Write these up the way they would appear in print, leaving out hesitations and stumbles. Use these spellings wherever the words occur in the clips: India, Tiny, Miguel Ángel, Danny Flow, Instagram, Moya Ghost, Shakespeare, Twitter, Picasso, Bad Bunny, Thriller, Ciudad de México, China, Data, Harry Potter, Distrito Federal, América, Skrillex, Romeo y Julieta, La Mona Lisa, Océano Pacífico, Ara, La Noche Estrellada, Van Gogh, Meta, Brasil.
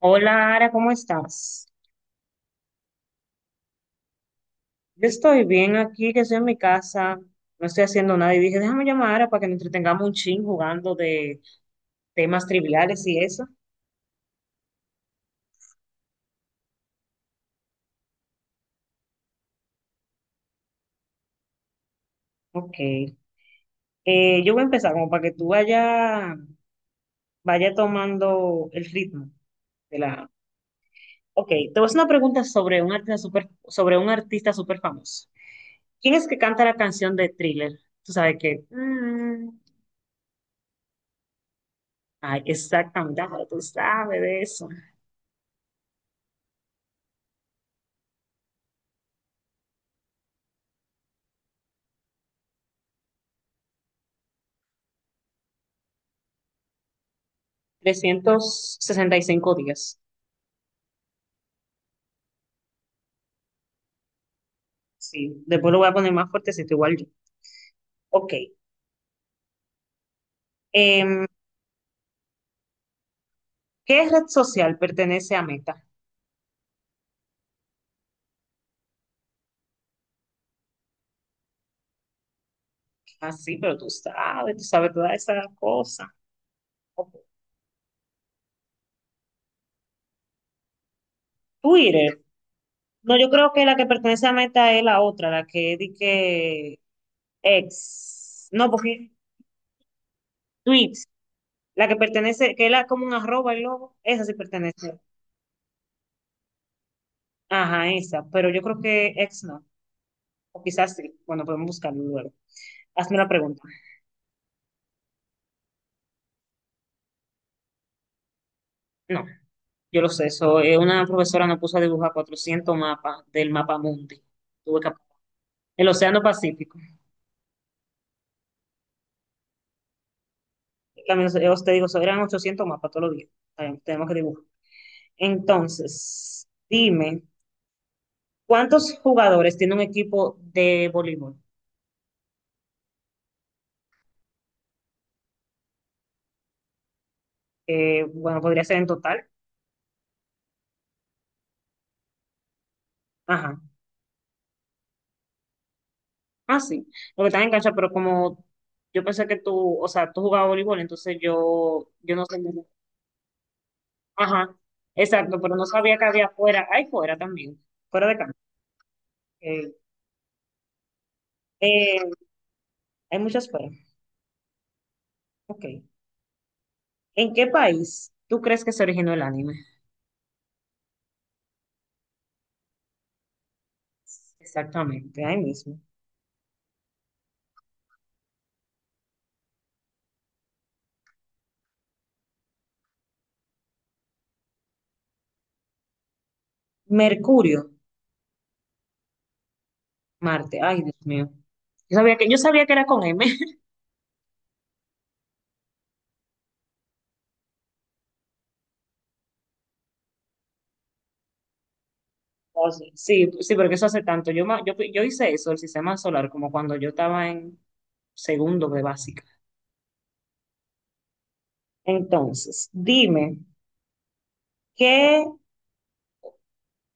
Hola, Ara, ¿cómo estás? Yo estoy bien aquí, que estoy en mi casa, no estoy haciendo nada y dije, déjame llamar a Ara para que nos entretengamos un chin jugando de temas triviales y eso. Ok. Yo voy a empezar como para que tú vaya tomando el ritmo de la... Ok, te voy a hacer una pregunta sobre un artista súper famoso. ¿Quién es que canta la canción de Thriller? Tú sabes que... ay, exactamente, ahora tú sabes de eso. 365 días. Sí, después lo voy a poner más fuertecito, igual yo. Ok. em, ¿Qué red social pertenece a Meta? Ah, sí, pero tú sabes todas esas cosas. Ok. Twitter. No, yo creo que la que pertenece a Meta es la otra, la que di que ex. No, porque tweets, la que pertenece, que es como un arroba el logo, esa sí pertenece. Ajá, esa, pero yo creo que ex no. O quizás sí. Bueno, podemos buscarlo luego. Hazme la pregunta. No. Yo lo sé, eso, una profesora nos puso a dibujar 400 mapas del mapa mundi. Tuve que- el Océano Pacífico. También, os te digo, eso eran 800 mapas todos los días. Tenemos que dibujar. Entonces, dime, ¿cuántos jugadores tiene un equipo de voleibol? Bueno, podría ser en total. Ajá. Ah, sí. Lo que están en cancha, pero como yo pensé que tú, o sea, tú jugabas voleibol, entonces yo no sé. Ajá. Exacto, pero no sabía que había fuera. Hay fuera también, fuera de cancha. eh, Eh, Hay muchas formas. Ok. ¿En qué país tú crees que se originó el anime? Exactamente, ahí mismo. Mercurio, Marte. Ay, Dios mío. Yo sabía que era con M. Oh, sí, sí, sí, porque eso hace tanto. Yo hice eso, el sistema solar, como cuando yo estaba en segundo de básica. Entonces, dime, ¿qué,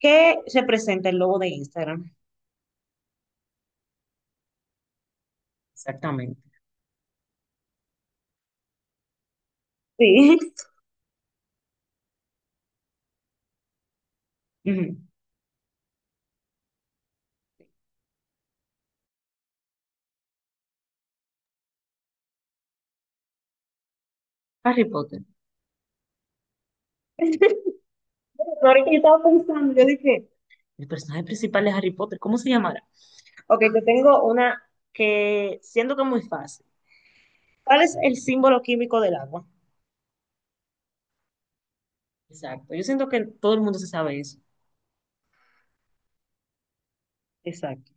¿qué representa el logo de Instagram? Exactamente. Sí. Ujú. Harry Potter. Ahorita yo estaba pensando, yo dije, el personaje principal de Harry Potter, ¿cómo se llamará? Ok, te tengo una que siento que es muy fácil. ¿Cuál es el símbolo químico del agua? Exacto. Yo siento que todo el mundo se sabe eso. Exacto.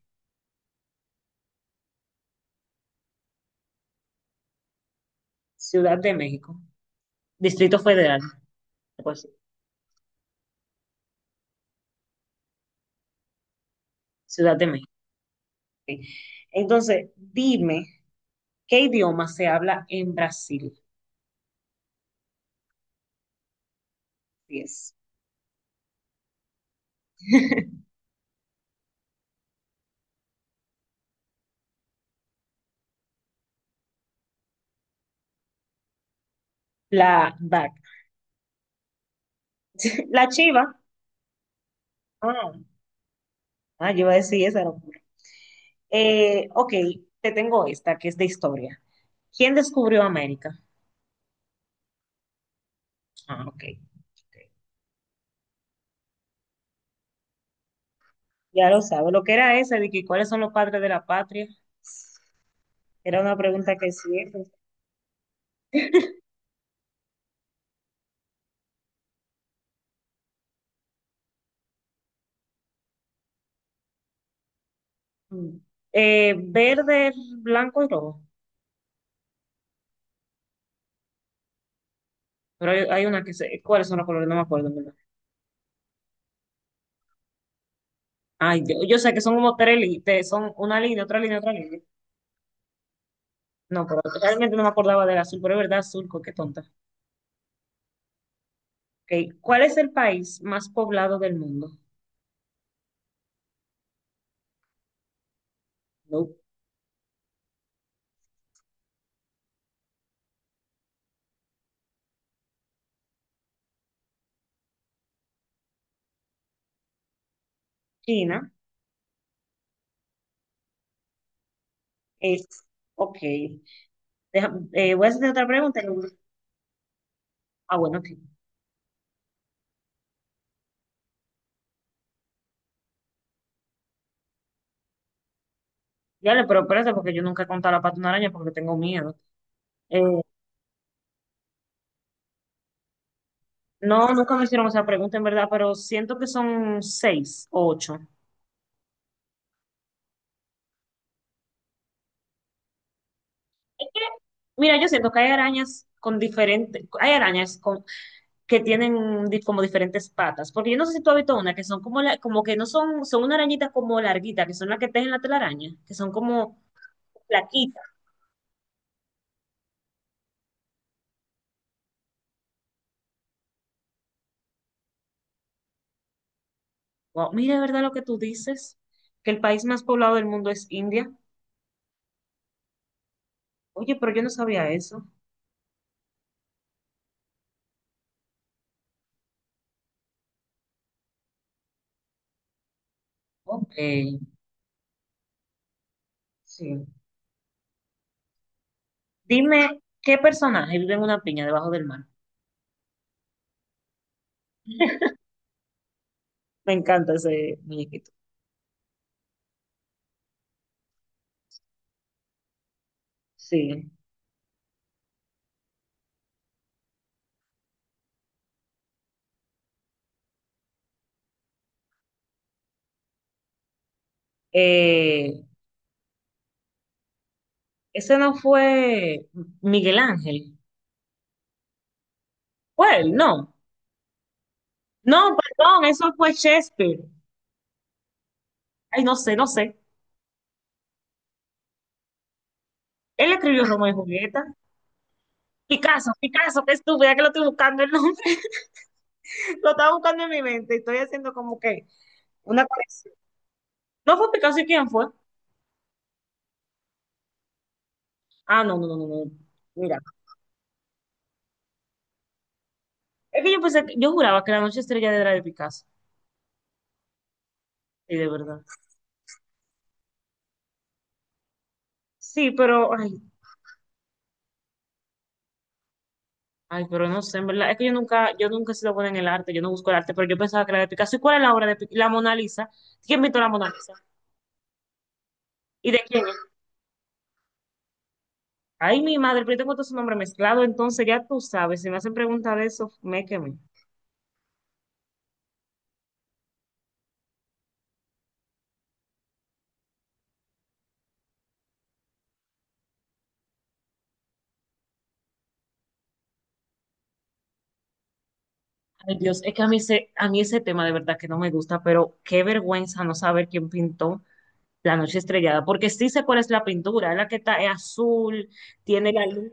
Ciudad de México. Distrito Federal. Pues, Ciudad de México. Ok. Entonces, dime, ¿qué idioma se habla en Brasil? Yes. La DAC. La chiva. Ah, ah, yo iba a decir esa locura. Ok, te tengo esta que es de historia. ¿Quién descubrió América? Ah, ok, ok. Ya lo sabe. Lo que era esa de que cuáles son los padres de la patria, era una pregunta que siempre. Mm. Verde, blanco y rojo. Pero hay una que sé. ¿Cuáles son los colores? No me acuerdo, ¿en verdad? Ay, yo sé que son como tres líneas, son una línea, otra línea, otra línea. No, pero realmente no me acordaba del azul, pero es verdad, qué tonta. Ok, ¿cuál es el país más poblado del mundo? No, China. Es, ok. Voy a hacer otra pregunta. Ah, bueno, ok. Ya le, pero espérate, porque yo nunca he contado la pata de una araña porque tengo miedo. Eh, no, nunca me hicieron esa pregunta, en verdad, pero siento que son seis o ocho. Es que, Mira, yo siento que hay arañas con diferentes, hay arañas con, como diferentes patas, porque yo no sé si tú has visto una que son como, como que no son, son una arañita como larguita, que son las que tejen la telaraña, que son como plaquitas. Wow, mira, de verdad lo que tú dices, que el país más poblado del mundo es India. Oye, pero yo no sabía eso. Ok, sí. Dime, ¿qué personaje vive en una piña debajo del mar? Me encanta ese muñequito. Sí. Eh, Ese no fue Miguel Ángel. Fue él. No. No, perdón, eso fue Shakespeare. Ay, no sé, no sé. Él escribió Romeo y Julieta. Picasso, qué estúpida que lo estoy buscando el nombre. Lo estaba buscando en mi mente y estoy haciendo como que una conexión. ¿No fue Picasso y quién fue? Ah, no, no, no, no. Mira, es que yo pensé, que- yo juraba que la noche estrella era de Picasso. Sí, de verdad. Sí, pero, ay, ay, pero no sé, en verdad, es que yo nunca he sido buena en el arte, yo no busco el arte, pero yo pensaba que era de Picasso. ¿Y cuál es la obra de Picasso? La Mona Lisa. ¿Quién pintó la Mona Lisa? ¿Y de quién es? Ay, mi madre, pero yo tengo todo su nombre mezclado, entonces ya tú sabes, si me hacen pregunta de eso, me quemé. Ay, Dios, es que a mí ese tema de verdad que no me gusta, pero qué vergüenza no saber quién pintó La Noche Estrellada, porque sí sé cuál es la pintura, es la que está, es azul, tiene la luna.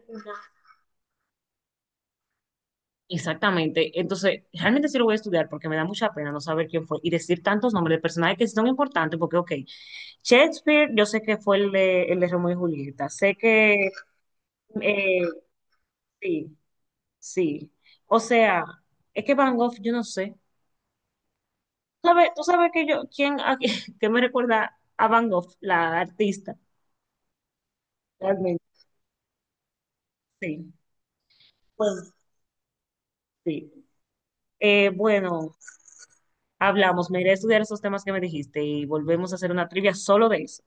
Exactamente. Entonces, realmente sí lo voy a estudiar porque me da mucha pena no saber quién fue y decir tantos nombres de personajes que sí son importantes porque, ok, Shakespeare, yo sé que fue el de Romeo y Julieta, sé que, eh, sí, sí. O sea, es que Van Gogh, yo no sé. Tú sabes que yo, quién, a- que me recuerda a Van Gogh, la artista? Realmente, sí. Pues, sí. Bueno, hablamos, me iré a estudiar esos temas que me dijiste y volvemos a hacer una trivia solo de eso.